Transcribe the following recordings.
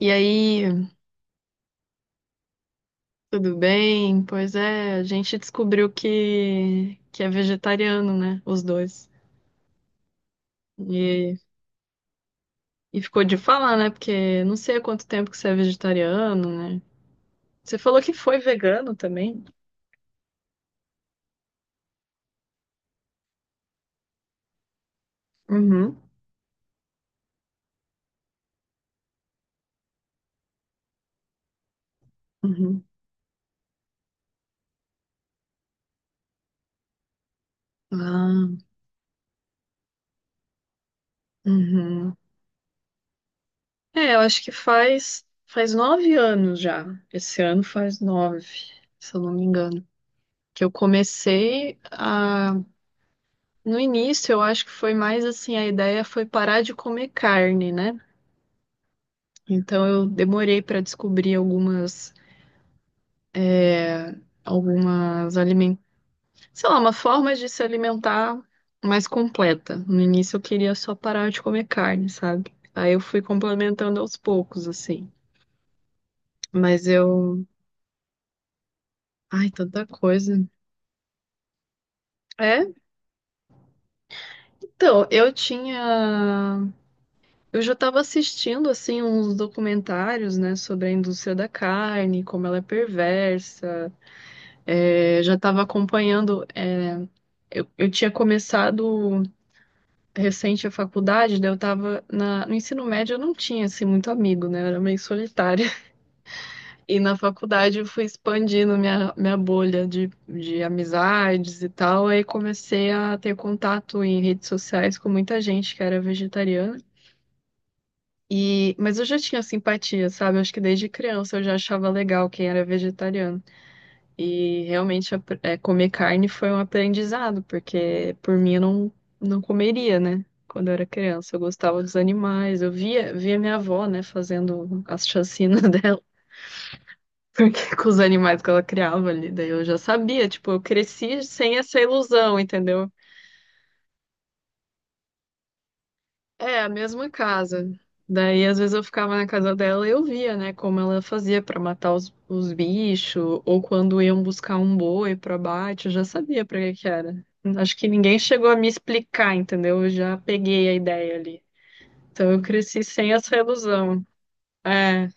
E aí, tudo bem? Pois é, a gente descobriu que é vegetariano, né? Os dois. E, e ficou de falar, né? Porque não sei há quanto tempo que você é vegetariano, né? Você falou que foi vegano também? Uhum, uhum. Ah, uhum. É, eu acho que faz 9 anos já. Esse ano faz 9, se eu não me engano. Que eu comecei a. No início, eu acho que foi mais assim, a ideia foi parar de comer carne, né? Então eu demorei para descobrir é, algumas alimentos, sei lá, uma forma de se alimentar mais completa. No início eu queria só parar de comer carne, sabe? Aí eu fui complementando aos poucos, assim. Mas eu. Ai, tanta coisa. É, então, eu tinha. Eu já estava assistindo, assim, uns documentários, né, sobre a indústria da carne, como ela é perversa. É, já estava acompanhando. Eu tinha começado recente a faculdade, daí eu estava no ensino médio, eu não tinha assim, muito amigo, né? Eu era meio solitária. E na faculdade eu fui expandindo minha bolha de amizades e tal. Aí comecei a ter contato em redes sociais com muita gente que era vegetariana. E, mas eu já tinha simpatia, sabe? Acho que desde criança eu já achava legal quem era vegetariano. E realmente comer carne foi um aprendizado, porque por mim eu não comeria, né? Quando eu era criança, eu gostava dos animais. Eu via minha avó, né, fazendo as chacinas dela, porque com os animais que ela criava ali. Daí eu já sabia, tipo, eu cresci sem essa ilusão, entendeu? É, a mesma casa. Daí, às vezes, eu ficava na casa dela e eu via, né, como ela fazia pra matar os bichos, ou quando iam buscar um boi pro abate, eu já sabia pra que que era. Acho que ninguém chegou a me explicar, entendeu? Eu já peguei a ideia ali. Então, eu cresci sem essa ilusão. É.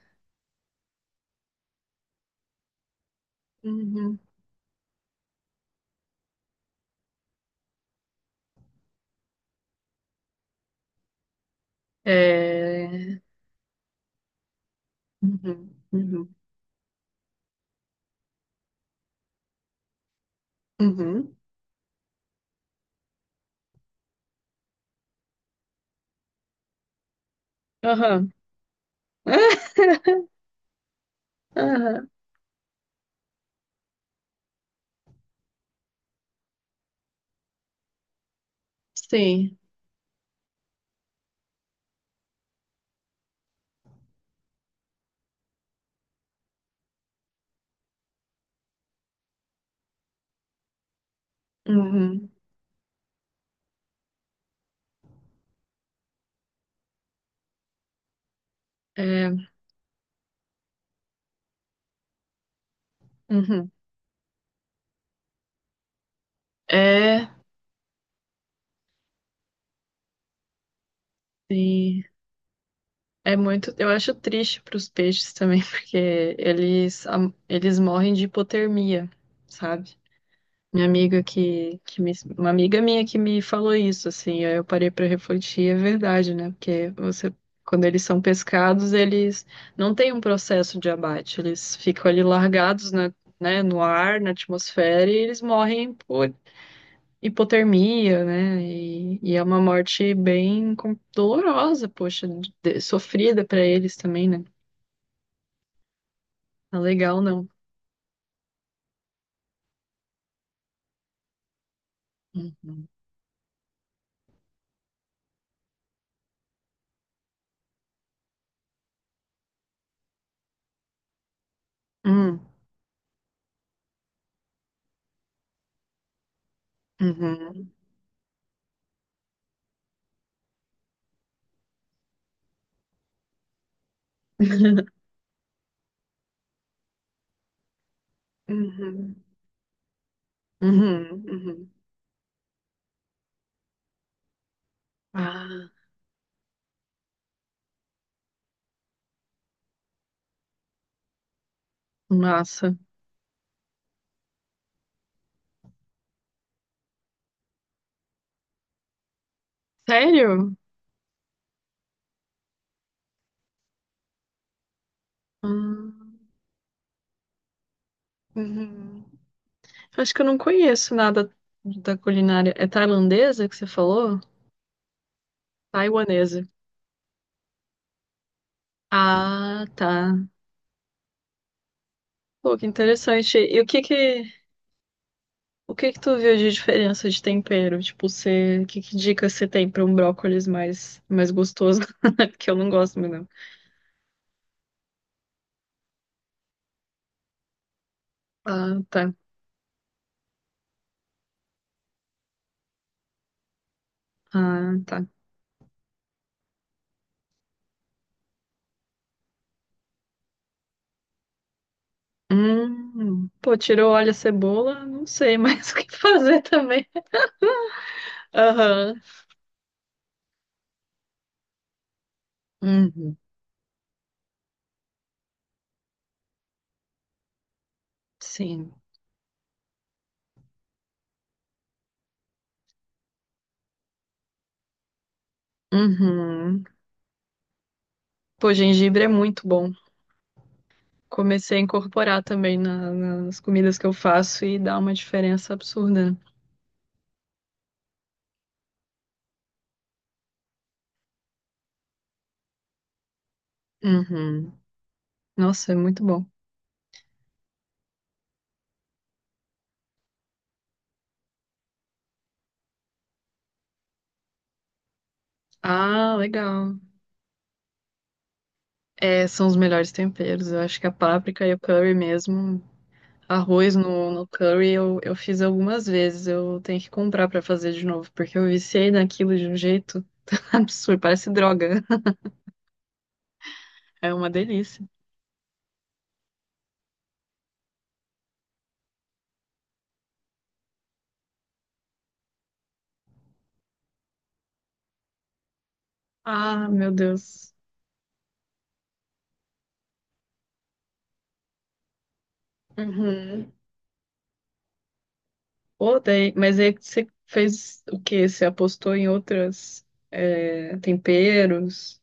Uhum. É. Uhum. Uhum. Uhum. Aham. Aham. Sim. Uhum. É. Uhum. É. Sim. É muito, eu acho triste para os peixes também, porque eles morrem de hipotermia, sabe? Minha amiga que me, uma amiga minha que me falou isso, assim, aí eu parei para refletir, é verdade, né? Porque você, quando eles são pescados, eles não têm um processo de abate, eles ficam ali largados na, né, no ar, na atmosfera, e eles morrem hipotermia, né? E é uma morte bem dolorosa, poxa, sofrida pra eles também, né? Não é legal, não. Uhum. Hum, uhum. Uhum. Uhum. Uhum. Ah, massa. Sério? Hum, uhum. Acho que eu não conheço nada da culinária. É tailandesa que você falou? Taiwanesa. Ah, tá. Pô, que interessante. E o que que. O que que tu viu de diferença de tempero? Tipo, você, que dicas você tem pra um brócolis mais gostoso? Porque eu não gosto muito, não. Ah, tá. Ah, tá. Pô, tirou óleo e cebola, não sei mais o que fazer também. Aham. Uhum. Sim. Uhum. Pô, gengibre é muito bom. Comecei a incorporar também nas comidas que eu faço e dá uma diferença absurda. Uhum. Nossa, é muito bom. Ah, legal. É, são os melhores temperos. Eu acho que a páprica e o curry mesmo. Arroz no curry eu fiz algumas vezes. Eu tenho que comprar pra fazer de novo, porque eu viciei naquilo de um jeito absurdo. Parece droga. É uma delícia. Ah, meu Deus. Uhum. Odeio. Mas aí você fez o quê? Você apostou em outros temperos?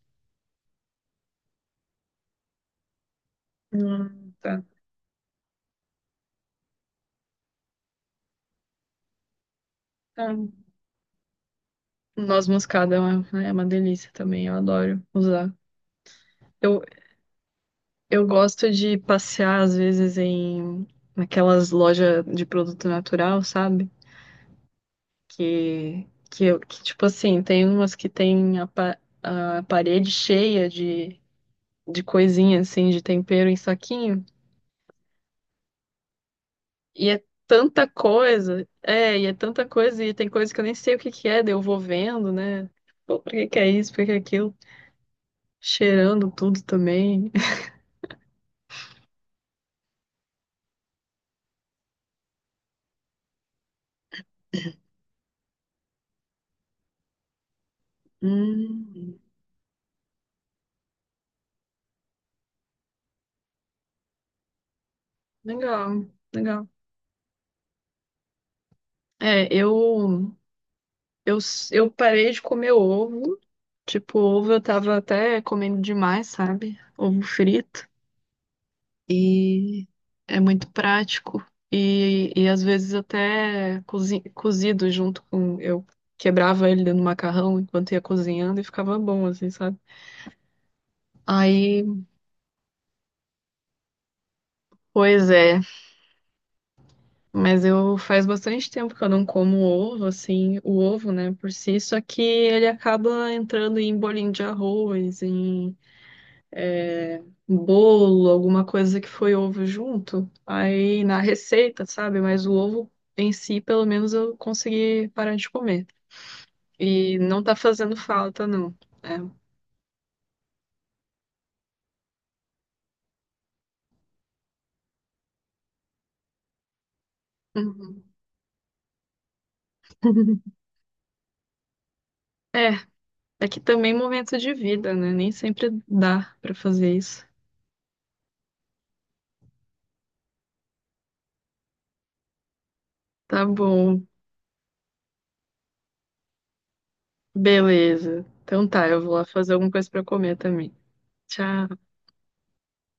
Tá. Ah, noz moscada é uma delícia também. Eu adoro usar. Eu Eu gosto de passear, às vezes, naquelas lojas de produto natural, sabe? Que, tipo assim, tem umas que tem a parede cheia de coisinha, assim, de tempero em saquinho. E é tanta coisa, e tem coisa que eu nem sei o que que é, daí eu vou vendo, né? Pô, por que que é isso, por que que é aquilo? Cheirando tudo também. Hum, legal, legal. É, eu. Eu parei de comer ovo. Tipo, ovo eu tava até comendo demais, sabe? Ovo frito. E é muito prático. E às vezes até cozido junto com. Eu quebrava ele dentro do macarrão enquanto ia cozinhando e ficava bom, assim, sabe? Aí, pois é. Mas eu faz bastante tempo que eu não como ovo, assim, o ovo, né, por si. Só que ele acaba entrando em bolinho de arroz, em um bolo, alguma coisa que foi ovo junto, aí na receita, sabe? Mas o ovo em si, pelo menos eu consegui parar de comer. E não tá fazendo falta, não. É. Uhum. É, é que também momento de vida, né? Nem sempre dá pra fazer isso. Tá bom, beleza. Então tá, eu vou lá fazer alguma coisa pra comer também. Tchau.